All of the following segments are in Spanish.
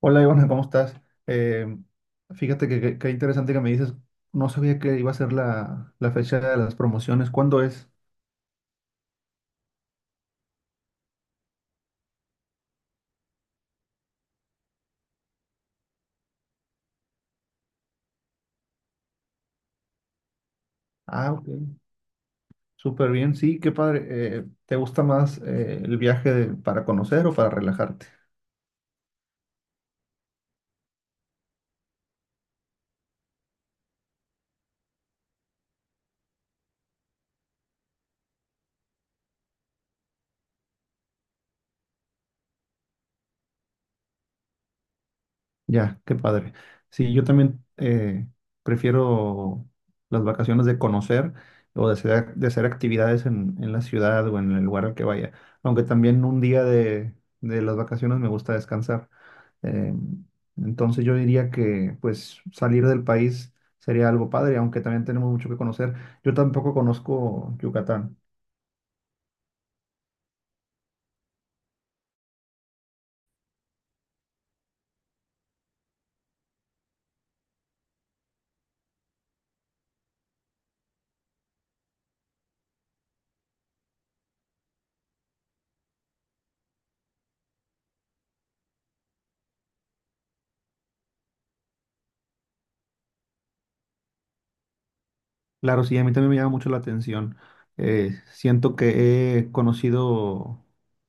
Hola Ivana, ¿cómo estás? Eh, Fíjate qué interesante que me dices. No sabía que iba a ser la fecha de las promociones. ¿Cuándo es? Ah, ok, súper bien, sí, qué padre. ¿Te gusta más el para conocer o para relajarte? Ya, qué padre. Sí, yo también prefiero las vacaciones de conocer o de de hacer actividades en la ciudad o en el lugar al que vaya. Aunque también un día de las vacaciones me gusta descansar. Eh, entonces yo diría que pues salir del país sería algo padre, aunque también tenemos mucho que conocer. Yo tampoco conozco Yucatán. Claro, sí, a mí también me llama mucho la atención. Siento que he conocido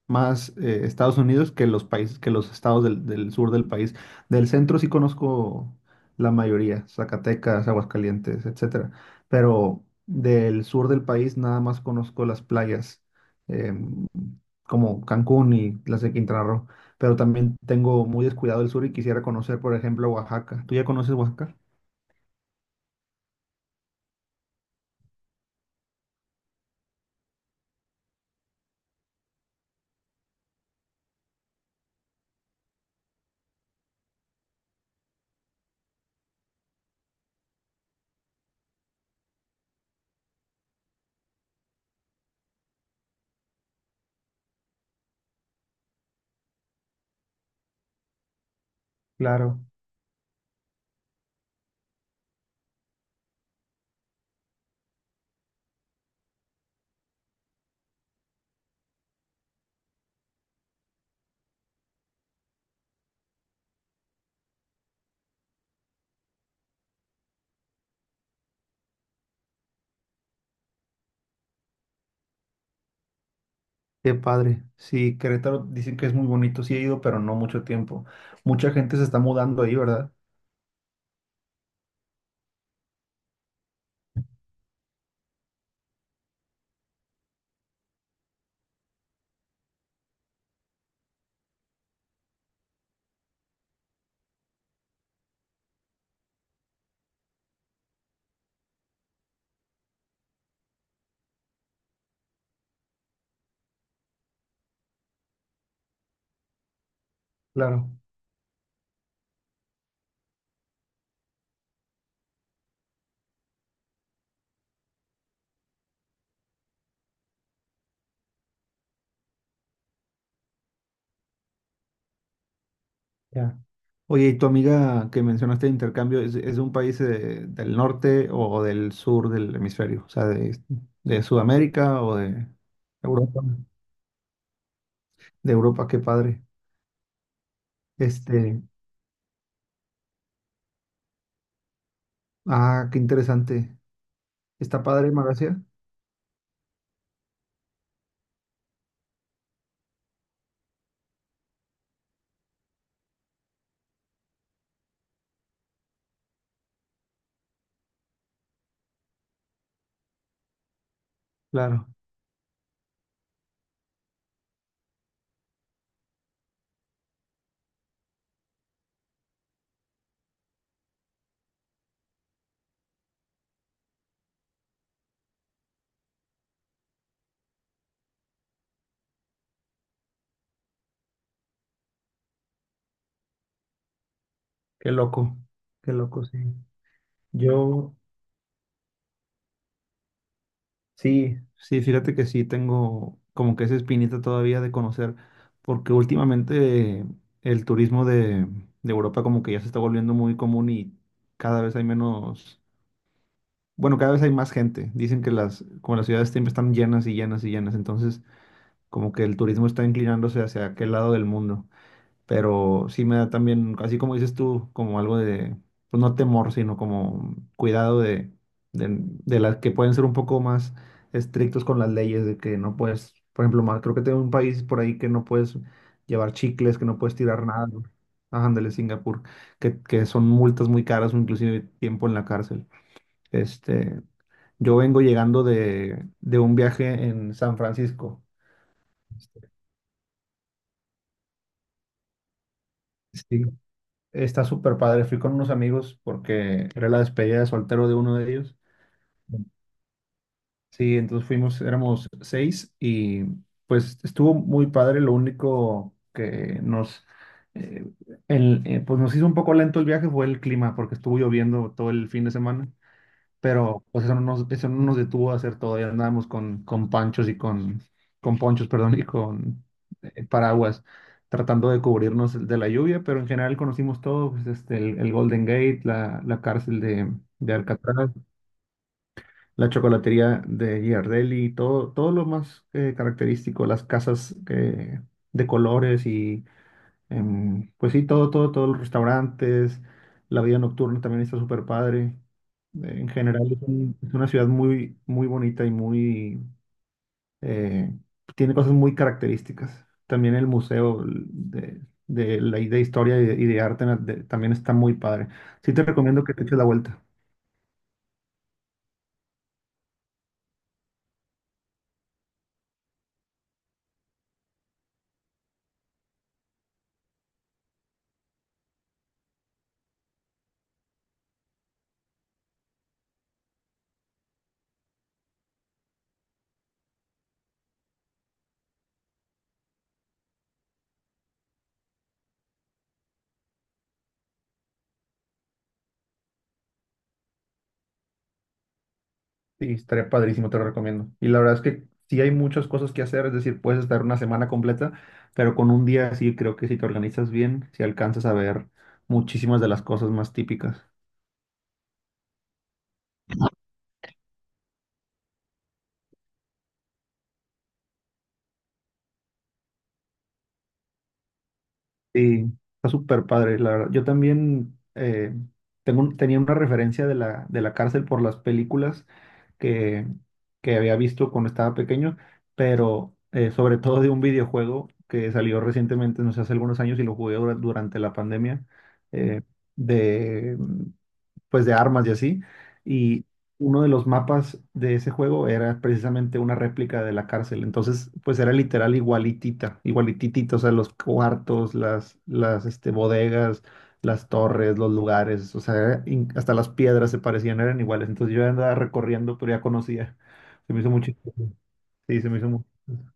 más Estados Unidos que los que los estados del sur del país. Del centro sí conozco la mayoría: Zacatecas, Aguascalientes, etcétera. Pero del sur del país nada más conozco las playas, em, como Cancún y las de Quintana Roo. Pero también tengo muy descuidado el sur y quisiera conocer, por ejemplo, Oaxaca. ¿Tú ya conoces Oaxaca? Claro. Qué padre. Sí, Querétaro dicen que es muy bonito. Sí he ido, pero no mucho tiempo. Mucha gente se está mudando ahí, ¿verdad? Claro. Ya. Oye, ¿y tu amiga que mencionaste de intercambio es de un país del norte o del sur del hemisferio? O sea, de Sudamérica o de Europa. De Europa, qué padre. Este, ah, qué interesante. ¿Está padre Malasia? Claro, qué loco, qué loco, sí. Yo, Sí, sí, fíjate que sí tengo como que esa espinita todavía de conocer, porque últimamente el turismo de Europa como que ya se está volviendo muy común y cada vez hay menos, bueno, cada vez hay más gente. Dicen que como las ciudades siempre están llenas y llenas y llenas, entonces como que el turismo está inclinándose hacia aquel lado del mundo. Pero sí me da también, así como dices tú, como algo pues no temor, sino como cuidado de las que pueden ser un poco más estrictos con las leyes, de que no puedes, por ejemplo, más, creo que tengo un país por ahí que no puedes llevar chicles, que no puedes tirar nada, ¿no? Ajá, ándale, Singapur, que son multas muy caras o inclusive tiempo en la cárcel. Este, yo vengo llegando de un viaje en San Francisco. Este, sí, está súper padre. Fui con unos amigos porque era la despedida de soltero de uno de ellos. Sí, entonces fuimos, éramos seis y pues estuvo muy padre. Lo único que eh, pues nos hizo un poco lento el viaje fue el clima, porque estuvo lloviendo todo el fin de semana, pero pues eso no eso no nos detuvo a hacer todo. Ya andábamos con con ponchos, perdón, y con paraguas, tratando de cubrirnos de la lluvia, pero en general conocimos todo, pues, este, el Golden Gate, la cárcel de Alcatraz, la chocolatería de Giardelli, todo, todo lo más característico, las casas de colores y... em, pues sí, todo, todo, todos los restaurantes, la vida nocturna también está súper padre. En general es, es una ciudad muy, muy bonita y muy, eh, tiene cosas muy características. También el museo de historia y y de también está muy padre. Sí te recomiendo que te eches la vuelta. Sí, estaría padrísimo, te lo recomiendo. Y la verdad es que sí hay muchas cosas que hacer, es decir, puedes estar una semana completa, pero con un día sí creo que si te organizas bien, si alcanzas a ver muchísimas de las cosas más típicas. Sí, está súper padre, la verdad. Yo también tenía una referencia de de la cárcel por las películas que, que había visto cuando estaba pequeño, pero sobre todo de un videojuego que salió recientemente, no sé, hace algunos años, y lo jugué durante la pandemia. eh, de pues de armas y así. Y uno de los mapas de ese juego era precisamente una réplica de la cárcel. Entonces, pues era literal igualitita, igualititita, o sea, los cuartos, las este, bodegas, las torres, los lugares, o sea, hasta las piedras se parecían, eran iguales. Entonces yo andaba recorriendo, pero ya conocía. Se me hizo muy chistoso. Sí, se me hizo muy chistoso.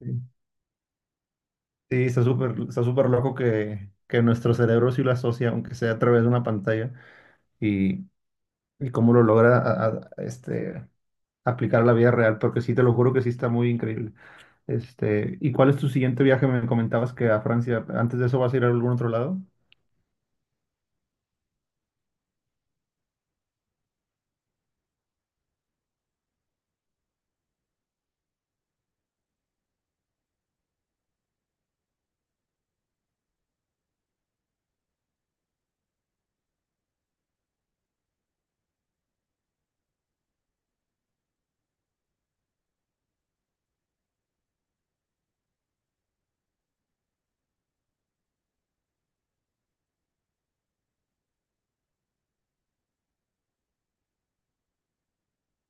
Sí, sí, está súper loco que nuestro cerebro sí lo asocia, aunque sea a través de una pantalla, y cómo lo logra a- este, aplicar a la vida real, porque sí, te lo juro que sí está muy increíble. Este, ¿y cuál es tu siguiente viaje? Me comentabas que a Francia. Antes de eso vas a ir a algún otro lado.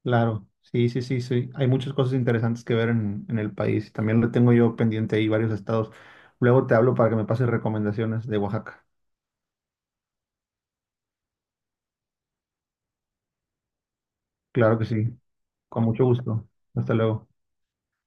Claro, sí, sí, sí, sí. Hay muchas cosas interesantes que ver en el país. También lo tengo yo pendiente ahí varios estados. Luego te hablo para que me pases recomendaciones de Oaxaca. Claro que sí. Con mucho gusto. Hasta luego.